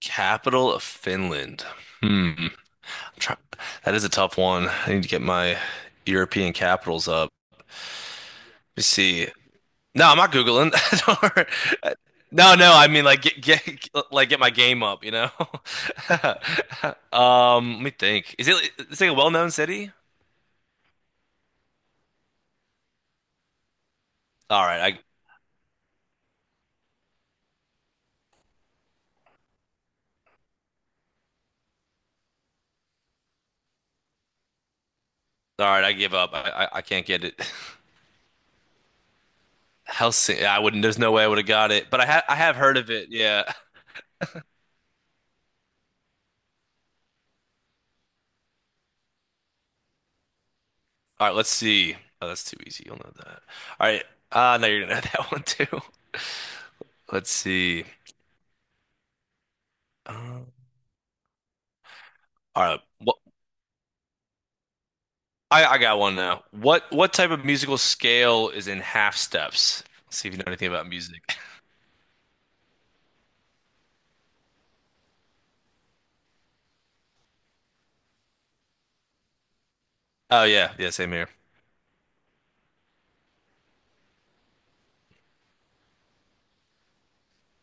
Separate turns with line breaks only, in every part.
Capital of Finland. Hmm. I'm try- That is a tough one. I need to get my European capitals up. Let me see. No, I'm not Googling. Don't worry. No, no, I mean like get my game up, you know? Let me think. Is it a well-known city? All right, I all right, I give up. I can't get it. Helsinki. I wouldn't. There's no way I would have got it, but I have heard of it. Yeah. All right, let's see. Oh, that's too easy. You'll know that. All right. Now you're gonna know that one too. Let's see. Um, all right. What I got one now. What type of musical scale is in half steps? Let's see if you know anything about music. Oh yeah, yeah, same here.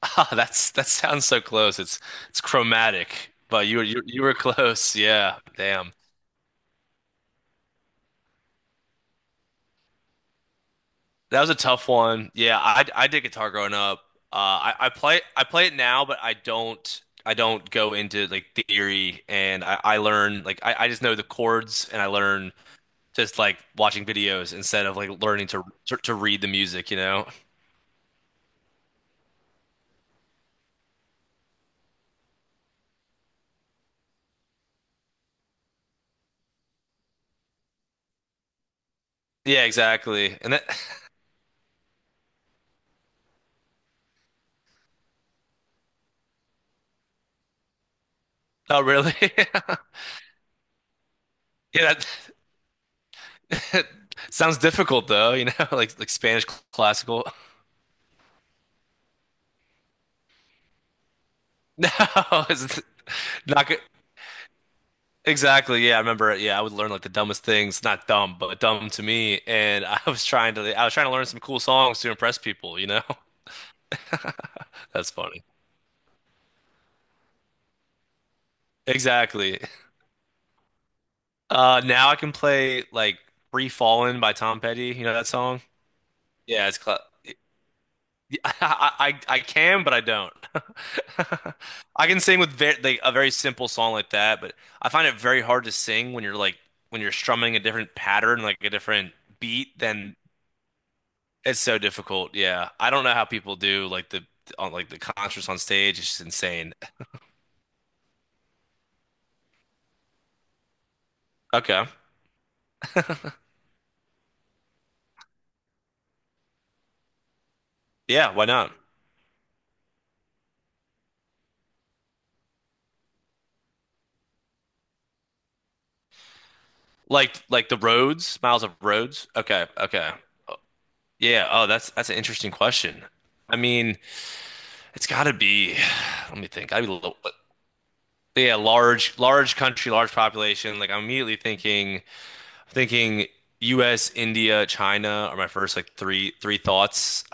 Ah, that sounds so close. It's chromatic, but you were close. Yeah, damn. That was a tough one. Yeah, I did guitar growing up. I play it now, but I don't go into like theory and I learn like I just know the chords and I learn just like watching videos instead of like learning to read the music, you know? Yeah, exactly. And that oh really? Yeah, that that sounds difficult though, you know, like Spanish classical. No, it's not good. Exactly. Yeah, I remember. Yeah, I would learn like the dumbest things, not dumb, but dumb to me. And I was trying to learn some cool songs to impress people, you know? That's funny. Exactly. Now I can play like Free Fallin' by Tom Petty. You know that song? Yeah, it's cla I can, but I don't. I can sing with very, like a very simple song like that, but I find it very hard to sing when you're like when you're strumming a different pattern, like a different beat than it's so difficult. Yeah. I don't know how people do like the on like the concerts on stage. It's just insane. Okay. Yeah, why not? Like the roads, miles of roads. Okay. Okay. Yeah. Oh, that's an interesting question. I mean, it's got to be let me think. I'd be a little, yeah, large large country, large population. Like I'm immediately thinking US, India, China are my first like three thoughts.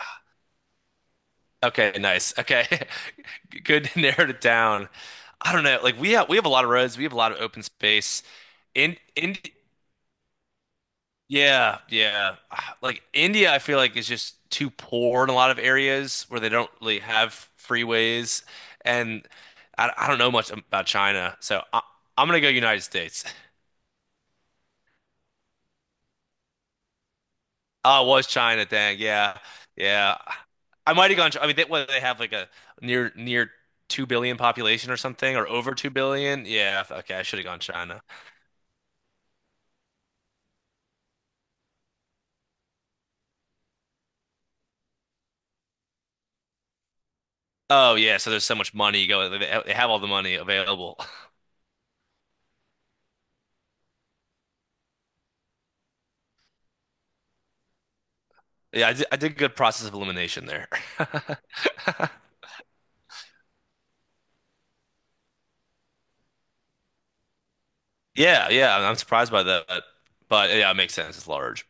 Okay, nice. Okay. Good to narrowed it down. I don't know. Like we have a lot of roads, we have a lot of open space. In yeah, yeah. Ah, like India, I feel like is just too poor in a lot of areas where they don't really have freeways and I don't know much about China. So I'm gonna go United States. Oh, it was China, dang. Yeah. Yeah. I might have gone. I mean, they, what they have like a near near 2 billion population or something or over 2 billion? Yeah. Okay, I should have gone China. Oh, yeah, so there's so much money going. They have all the money available. Yeah, I did a good process of elimination there. Yeah, yeah, I'm surprised by that. But, yeah, it makes sense. It's large.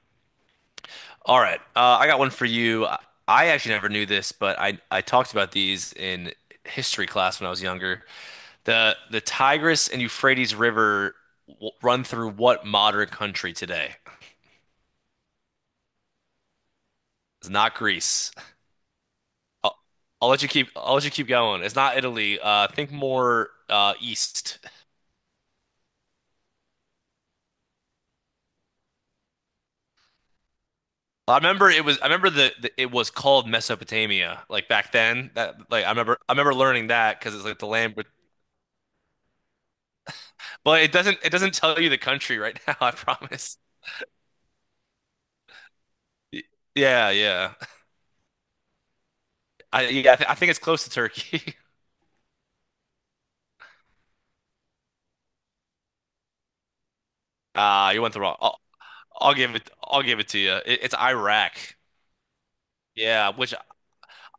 All right. I got one for you. I actually never knew this, but I talked about these in history class when I was younger. The Tigris and Euphrates River run through what modern country today? It's not Greece. I'll, I'll let you keep I'll let you keep going. It's not Italy. Think more east. I remember it was I remember the it was called Mesopotamia like back then. That like I remember learning that because it's like the land, but it doesn't tell you the country right now. I promise. Y- Yeah, yeah. I yeah I think it's close to Turkey. Ah, you went the wrong. I'll give it to you. It's Iraq. Yeah, which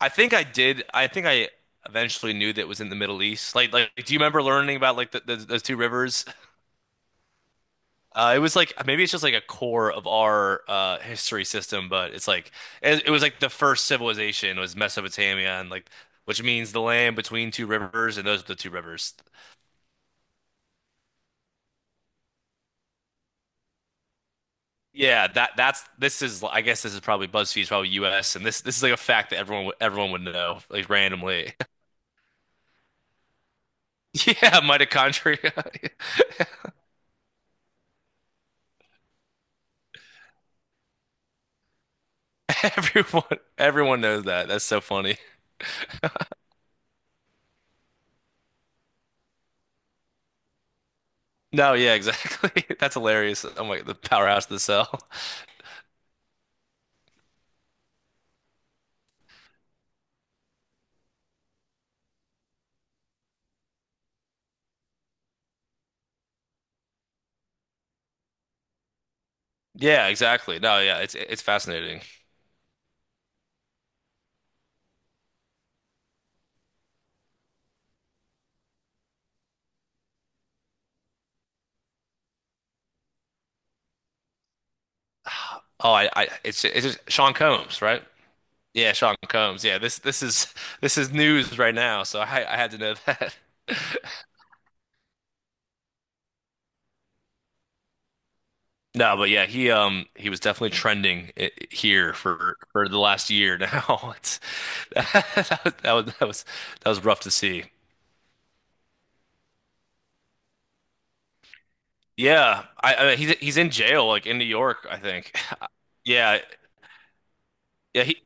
I think I did. I think I eventually knew that it was in the Middle East. Like, do you remember learning about like those two rivers? It was like maybe it's just like a core of our history system, but it's like it was like the first civilization was Mesopotamia, and like which means the land between two rivers, and those are the two rivers. Yeah, that that's this is I guess this is probably BuzzFeed's probably U.S. and this is like a fact that everyone would know like randomly. Yeah, mitochondria. Everyone, everyone knows that. That's so funny. No, yeah, exactly. That's hilarious. I'm like the powerhouse of the cell. Yeah, exactly. No, yeah, it's fascinating. Oh, I it's just Sean Combs, right? Yeah, Sean Combs. Yeah, this is this is news right now, so I had to know that. No, but yeah, he was definitely trending I here for the last year now. It's that was that was that was that was rough to see. Yeah, I he's in jail like in New York, I think. Yeah, yeah,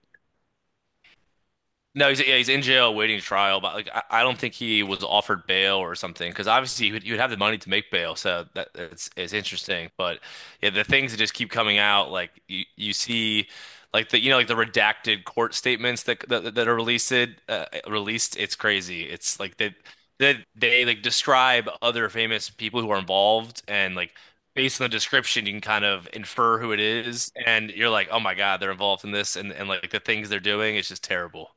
no, he's yeah, he's in jail waiting trial, but like I don't think he was offered bail or something because obviously you would have the money to make bail, so that it's interesting. But yeah, the things that just keep coming out, like you see, like the you know like the redacted court statements that are released released. It's crazy. They like describe other famous people who are involved and like. Based on the description, you can kind of infer who it is, and you're like, "Oh my God, they're involved in this," and like the things they're doing, it's just terrible.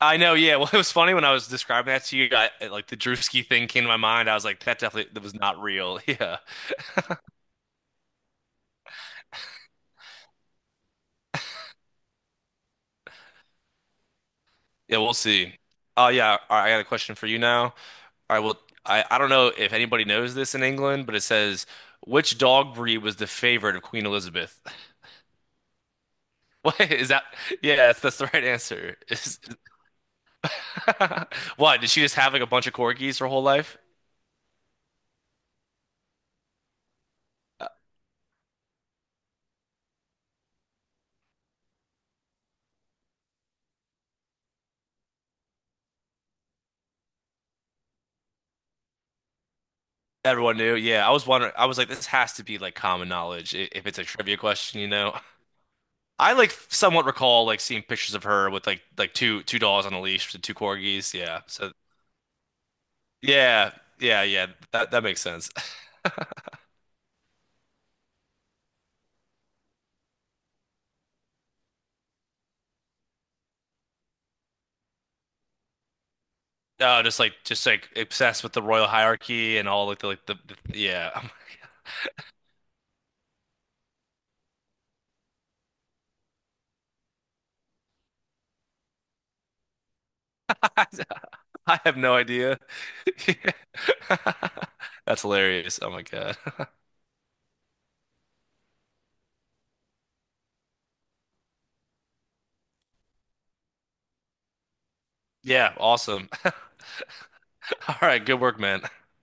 I know, yeah. Well, it was funny when I was describing that to you, like the Drewski thing came to my mind. I was like, that definitely that was not real. Yeah. Yeah, we'll see. Oh yeah, all right, I got a question for you now. All right, well, I don't know if anybody knows this in England, but it says which dog breed was the favorite of Queen Elizabeth? What is that? Yeah, that's the right answer. What, did she just have like a bunch of corgis her whole life? Uh, Everyone knew. Yeah, I was wondering. I was like, this has to be like common knowledge if it's a trivia question, you know? I like somewhat recall like seeing pictures of her with like two dolls on a leash with two corgis. Yeah. So yeah, yeah, yeah. That makes sense. Just like just like obsessed with the royal hierarchy and all like the yeah. I have no idea. That's hilarious. Oh my God. Yeah, awesome. All right, good work, man.